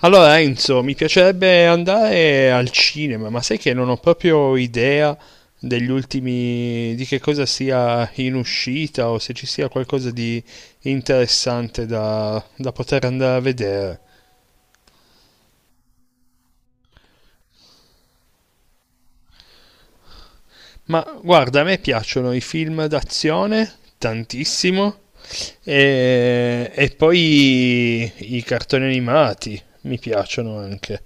Allora Enzo, mi piacerebbe andare al cinema, ma sai che non ho proprio idea degli ultimi, di che cosa sia in uscita o se ci sia qualcosa di interessante da poter andare a vedere. Ma guarda, a me piacciono i film d'azione tantissimo e poi i cartoni animati mi piacciono anche.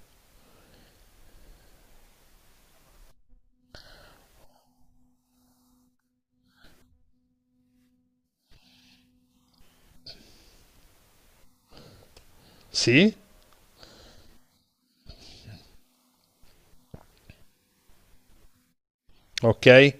Sì? Ok?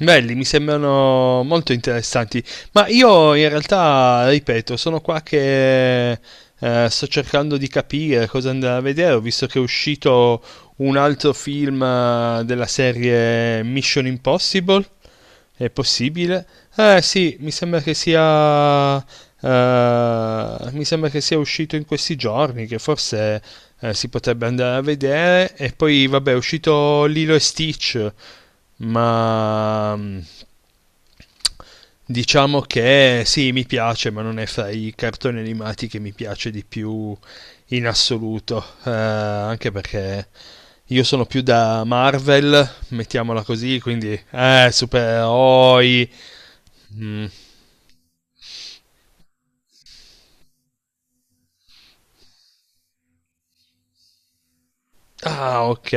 Belli, mi sembrano molto interessanti, ma io in realtà, ripeto, sono qua che sto cercando di capire cosa andare a vedere. Ho visto che è uscito un altro film della serie Mission Impossible, è possibile? Eh sì, mi sembra mi sembra che sia uscito in questi giorni, che forse si potrebbe andare a vedere, e poi vabbè è uscito Lilo e Stitch, ma diciamo che sì, mi piace, ma non è fra i cartoni animati che mi piace di più in assoluto, anche perché io sono più da Marvel, mettiamola così, quindi supereroi. Mm. Ah, ok.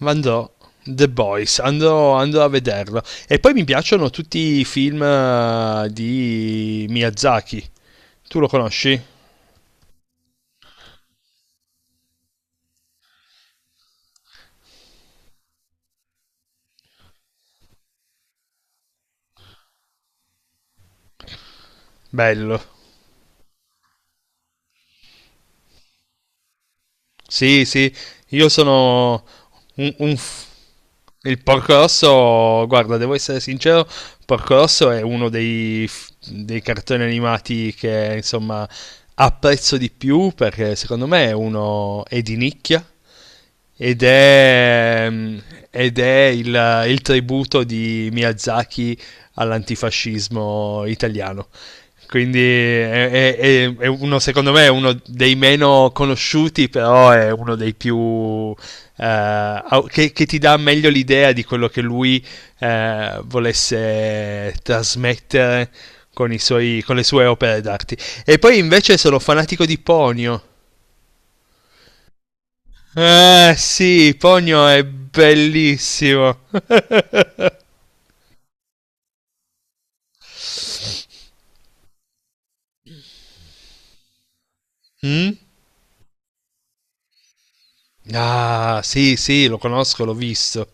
Andrò. The Boys, andrò a vederlo. E poi mi piacciono tutti i film di Miyazaki. Tu lo conosci? Bello. Sì, sì, io sono un, un f- il Porco Rosso, guarda, devo essere sincero, Porco Rosso è uno dei, dei cartoni animati che, insomma, apprezzo di più perché secondo me è di nicchia ed è, ed è il tributo di Miyazaki all'antifascismo italiano. Quindi è, è uno, secondo me, è uno dei meno conosciuti, però è uno dei più... che ti dà meglio l'idea di quello che lui volesse trasmettere con, con le sue opere d'arte. E poi invece sono fanatico di Ponio. Eh sì, Ponio è bellissimo. Mm? Ah, sì, sì, lo conosco, l'ho visto.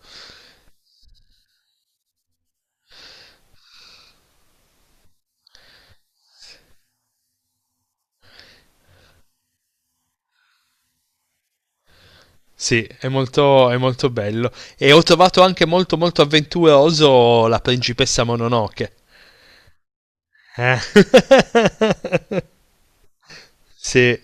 Sì, è molto bello. E ho trovato anche molto, molto avventuroso la principessa Mononoke. Eh? Sì,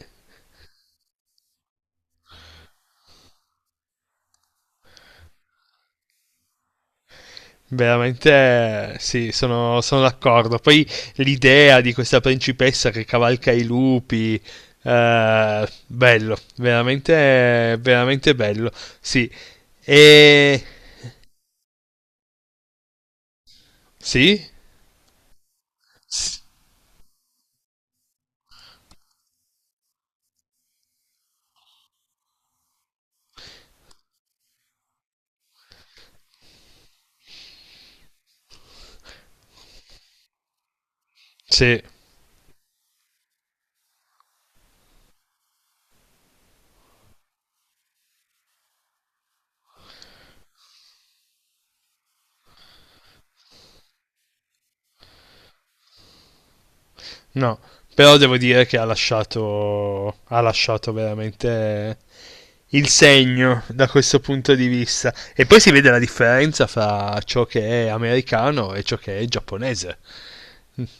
veramente sì, sono, sono d'accordo. Poi l'idea di questa principessa che cavalca i lupi, bello, veramente, veramente bello. Sì, e sì, s- sì. No, però devo dire che ha lasciato veramente il segno da questo punto di vista. E poi si vede la differenza fra ciò che è americano e ciò che è giapponese.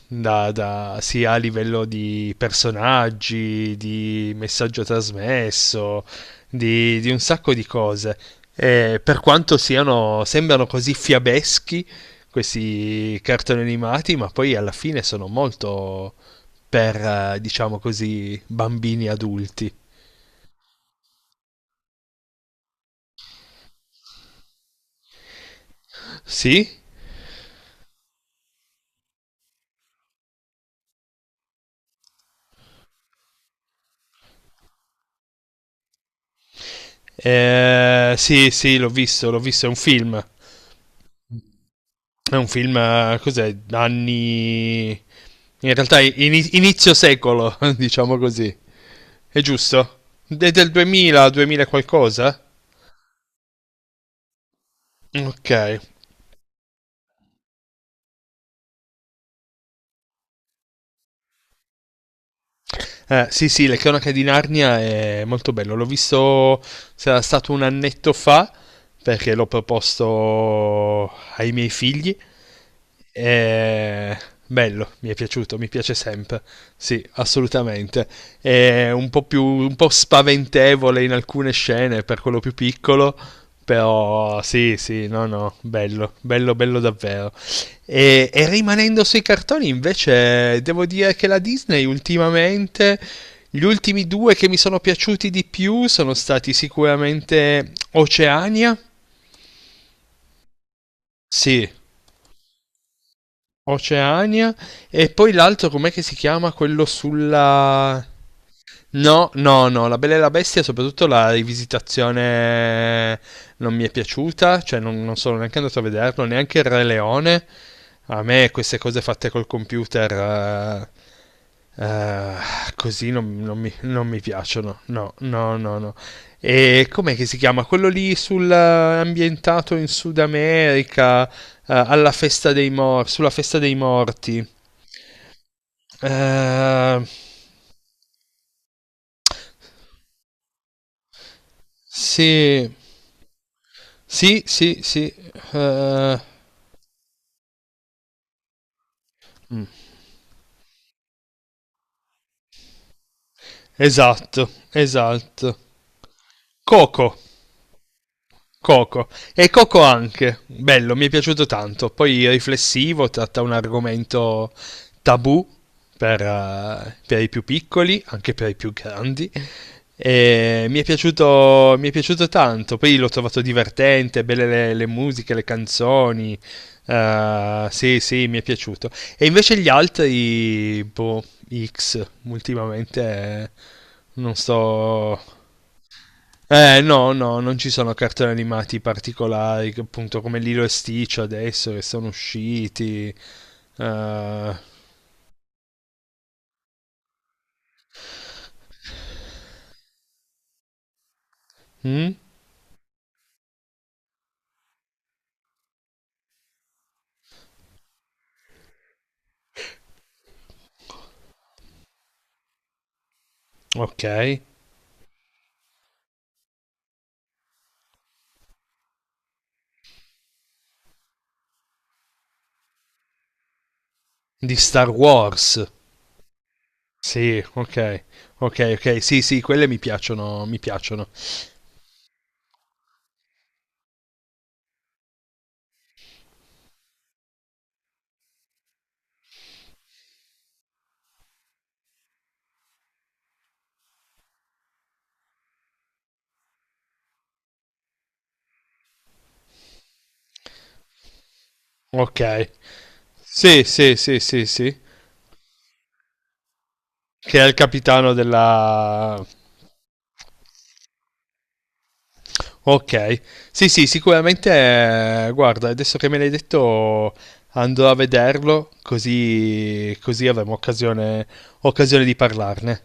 Sia a livello di personaggi, di messaggio trasmesso, di un sacco di cose. E per quanto siano, sembrano così fiabeschi questi cartoni animati, ma poi alla fine sono molto, per, diciamo così, bambini adulti. Sì? Sì, sì, l'ho visto, è un film. È un film, cos'è, anni... In realtà inizio secolo, diciamo così. È giusto? È del 2000, 2000 qualcosa? Ok. Sì, sì, Le cronache di Narnia è molto bello. L'ho visto, sarà stato un annetto fa, perché l'ho proposto ai miei figli. Eh, bello, mi è piaciuto, mi piace sempre. Sì, assolutamente. È un po' più, un po' spaventevole in alcune scene per quello più piccolo, però sì, sì, no, no, bello, bello, bello davvero. E rimanendo sui cartoni, invece, devo dire che la Disney ultimamente, gli ultimi due che mi sono piaciuti di più sono stati sicuramente Oceania. Sì, Oceania e poi l'altro com'è che si chiama quello sulla... No, no, no, La Bella e la Bestia, soprattutto la rivisitazione non mi è piaciuta, cioè non, non sono neanche andato a vederlo, neanche il Re Leone. A me queste cose fatte col computer eh, così non, non mi, non mi piacciono, no, no, no, no. E com'è che si chiama? Quello lì sul, ambientato in Sud America, alla festa dei mor- sulla festa dei morti. Eh... Sì, sì, sì, sì. Eh, mm. Esatto, esatto. Coco. Coco. E Coco anche, bello, mi è piaciuto tanto. Poi riflessivo, tratta un argomento tabù per i più piccoli, anche per i più grandi. E mi è piaciuto tanto. Poi l'ho trovato divertente, belle le musiche, le canzoni. Sì, sì, mi è piaciuto. E invece gli altri, boh, X, ultimamente eh, non sto, no, no, non ci sono cartoni animati particolari, che appunto come Lilo e Stitch adesso che sono usciti. Eh, mm? Ok. Di Star Wars. Sì, ok. Ok, ok. Sì, sì, quelle mi piacciono, mi piacciono. Ok. Sì, sì, sì, sì, sì. Che è il capitano della... Ok, sì, sì, sicuramente, guarda, adesso che me l'hai detto andrò a vederlo, così, così avremo occasione, occasione di parlarne.